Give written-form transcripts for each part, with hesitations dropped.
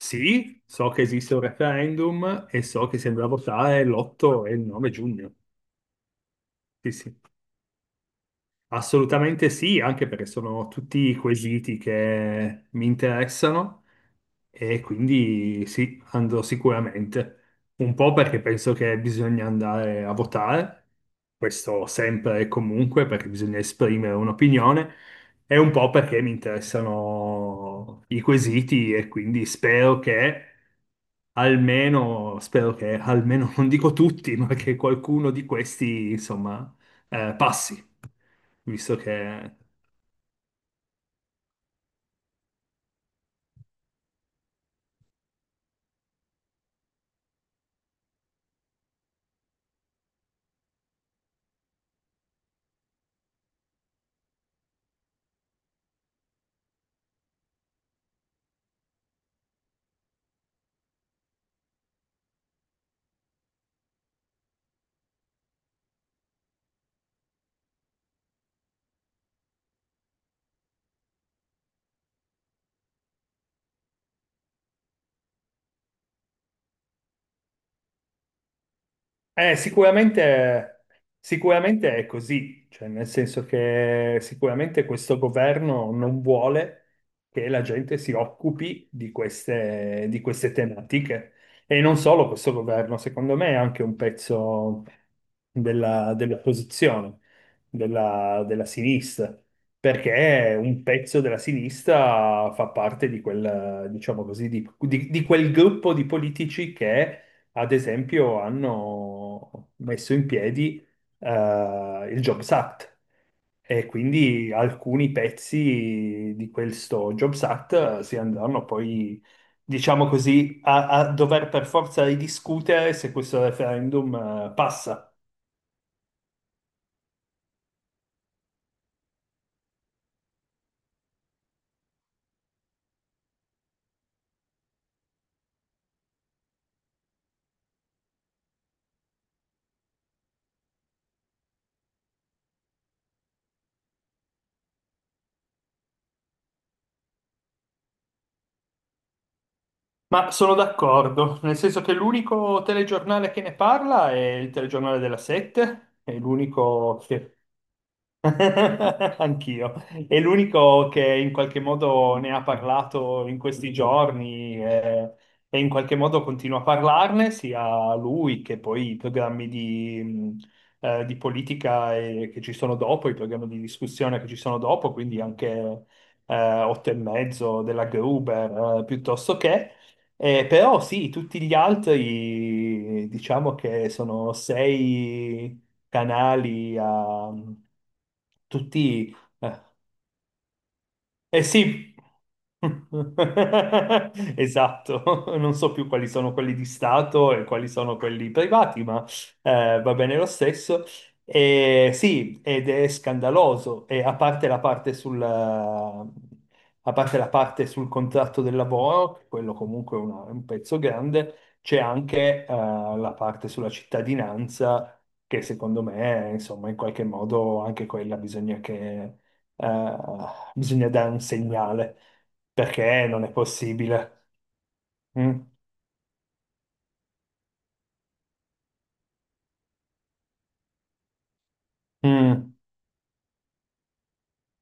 Sì, so che esiste un referendum e so che si andrà a votare l'8 e il 9 giugno. Sì, sì. Assolutamente sì, anche perché sono tutti quesiti che mi interessano e quindi sì, andrò sicuramente. Un po' perché penso che bisogna andare a votare, questo sempre e comunque, perché bisogna esprimere un'opinione, e un po' perché mi interessano i quesiti e quindi spero che almeno, non dico tutti, ma che qualcuno di questi, insomma, passi visto che... Eh, sicuramente, sicuramente è così, cioè nel senso che sicuramente questo governo non vuole che la gente si occupi di queste tematiche. E non solo questo governo, secondo me è anche un pezzo dell'opposizione, della sinistra, perché un pezzo della sinistra fa parte di quel, diciamo così, di quel gruppo di politici che ad esempio, hanno messo in piedi il Jobs Act e quindi alcuni pezzi di questo Jobs Act si andranno poi, diciamo così, a dover per forza ridiscutere se questo referendum passa. Ma sono d'accordo, nel senso che l'unico telegiornale che ne parla è il telegiornale della Sette, è l'unico che Anch'io. È l'unico che in qualche modo ne ha parlato in questi giorni e, in qualche modo continua a parlarne, sia lui che poi i programmi di politica che ci sono dopo, i programmi di discussione che ci sono dopo, quindi anche eh, Otto e mezzo della Gruber, piuttosto che. Però sì, tutti gli altri diciamo che sono sei canali a tutti. Eh sì, esatto, non so più quali sono quelli di Stato e quali sono quelli privati, ma va bene lo stesso. E sì, ed è scandaloso, e a parte la parte a parte la parte sul contratto del lavoro, quello comunque è è un pezzo grande, c'è anche la parte sulla cittadinanza che secondo me, insomma, in qualche modo anche quella bisogna eh, bisogna dare un segnale, perché non è possibile. Mm, mm.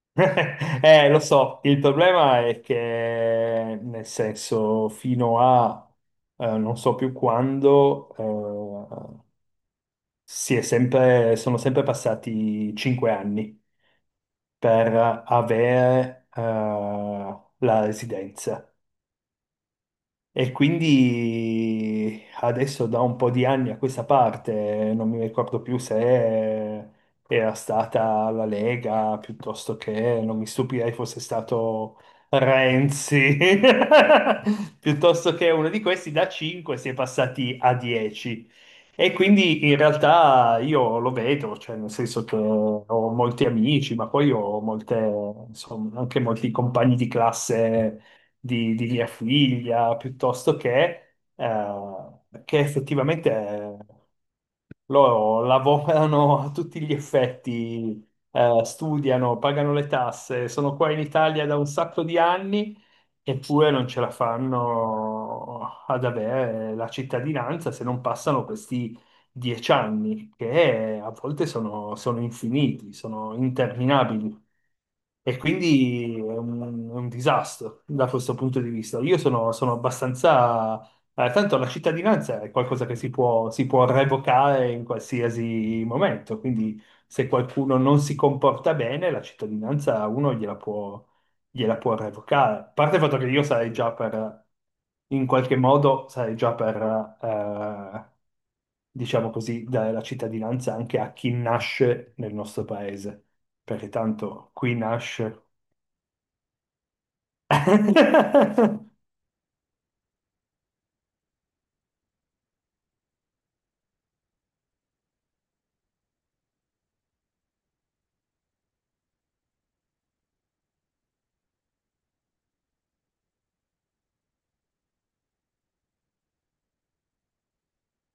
Lo so, il problema è che, nel senso, fino a non so più quando, sono sempre passati 5 anni per avere la residenza. E quindi adesso da un po' di anni a questa parte, non mi ricordo più se era stata la Lega, piuttosto che, non mi stupirei fosse stato Renzi, piuttosto che uno di questi da 5 si è passati a 10. E quindi in realtà io lo vedo, cioè nel senso che ho molti amici, ma poi ho molte, insomma, anche molti compagni di classe di via Figlia, piuttosto che effettivamente loro lavorano a tutti gli effetti, studiano, pagano le tasse, sono qua in Italia da un sacco di anni eppure non ce la fanno ad avere la cittadinanza se non passano questi 10 anni, che a volte sono, sono infiniti, sono interminabili. E quindi è un disastro da questo punto di vista. Io sono, sono abbastanza tanto la cittadinanza è qualcosa che si può revocare in qualsiasi momento, quindi se qualcuno non si comporta bene, la cittadinanza uno gliela può revocare. A parte il fatto che io sarei già per, in qualche modo, sarei già per, eh, diciamo così, dare la cittadinanza anche a chi nasce nel nostro paese, perché tanto qui nasce.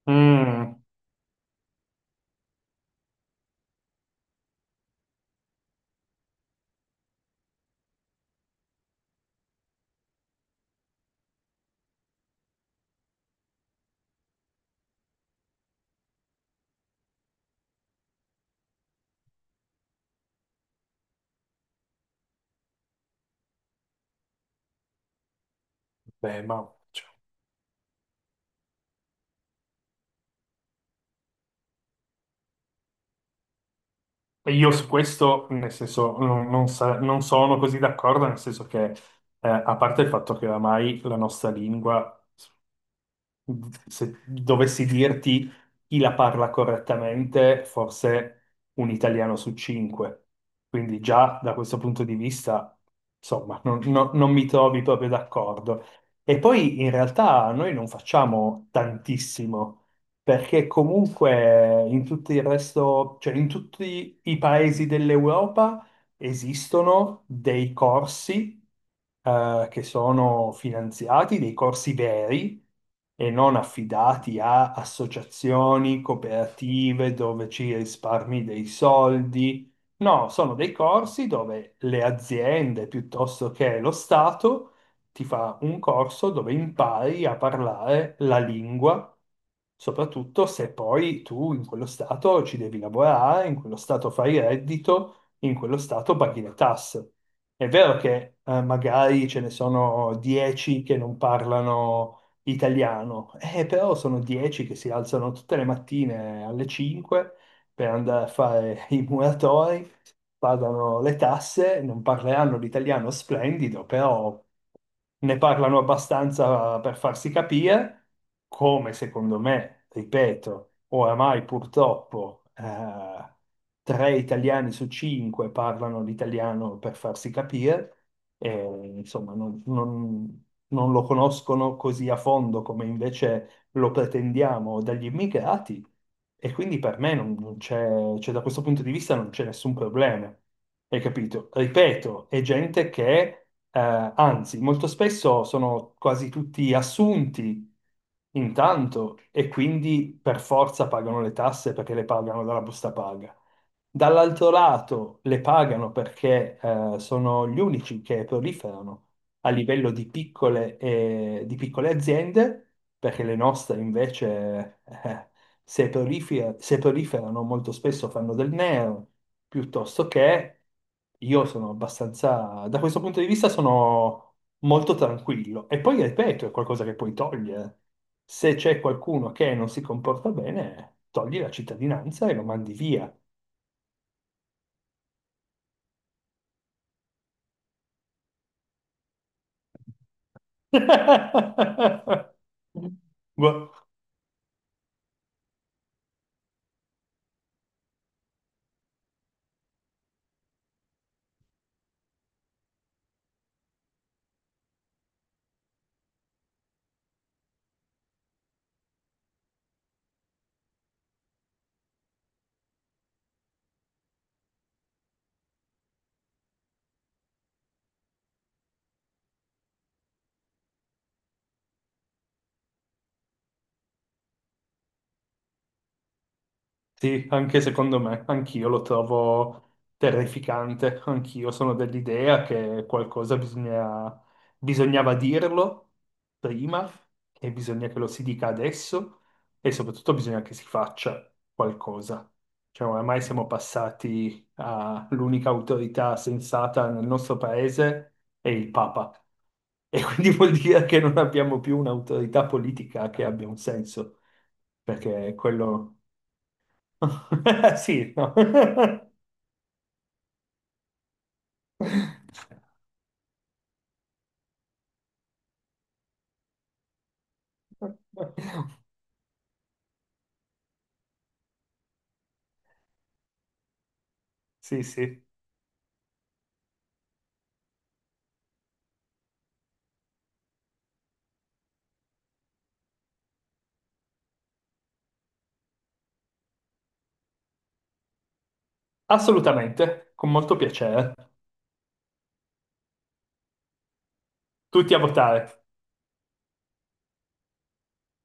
Mm, beh, ma... E io su questo, nel senso, non non sono così d'accordo, nel senso che, a parte il fatto che oramai la nostra lingua se dovessi dirti chi la parla correttamente, forse un italiano su cinque. Quindi già da questo punto di vista, insomma, non mi trovi proprio d'accordo. E poi in realtà noi non facciamo tantissimo, perché comunque in tutto il resto, cioè in tutti i paesi dell'Europa, esistono dei corsi che sono finanziati, dei corsi veri e non affidati a associazioni, cooperative dove ci risparmi dei soldi. No, sono dei corsi dove le aziende piuttosto che lo Stato ti fa un corso dove impari a parlare la lingua, soprattutto se poi tu in quello Stato ci devi lavorare, in quello Stato fai reddito in quello stato paghi le tasse. È vero che magari ce ne sono 10 che non parlano italiano, però sono 10 che si alzano tutte le mattine alle 5 per andare a fare i muratori, pagano le tasse, non parleranno l'italiano splendido, però ne parlano abbastanza per farsi capire, come secondo me, ripeto, oramai purtroppo tre italiani su cinque parlano l'italiano per farsi capire, e, insomma non lo conoscono così a fondo come invece lo pretendiamo dagli immigrati e quindi per me non c'è, cioè da questo punto di vista non c'è nessun problema. Hai capito? Ripeto, è gente che, anzi, molto spesso sono quasi tutti assunti intanto e quindi per forza pagano le tasse perché le pagano dalla busta paga. Dall'altro lato le pagano perché sono gli unici che proliferano a livello di piccole aziende, perché le nostre invece se proliferano molto spesso fanno del nero, piuttosto che io sono abbastanza, da questo punto di vista sono molto tranquillo. E poi, ripeto, è qualcosa che puoi togliere. Se c'è qualcuno che non si comporta bene, togli la cittadinanza e lo mandi via. Gua- Sì, anche secondo me, anch'io lo trovo terrificante, anch'io sono dell'idea che qualcosa bisognava dirlo prima e bisogna che lo si dica adesso e soprattutto bisogna che si faccia qualcosa. Cioè, oramai siamo passati all'unica autorità sensata nel nostro paese è il Papa e quindi vuol dire che non abbiamo più un'autorità politica che abbia un senso perché quello Sì, no. Sì, sì, assolutamente, con molto piacere. Tutti a votare.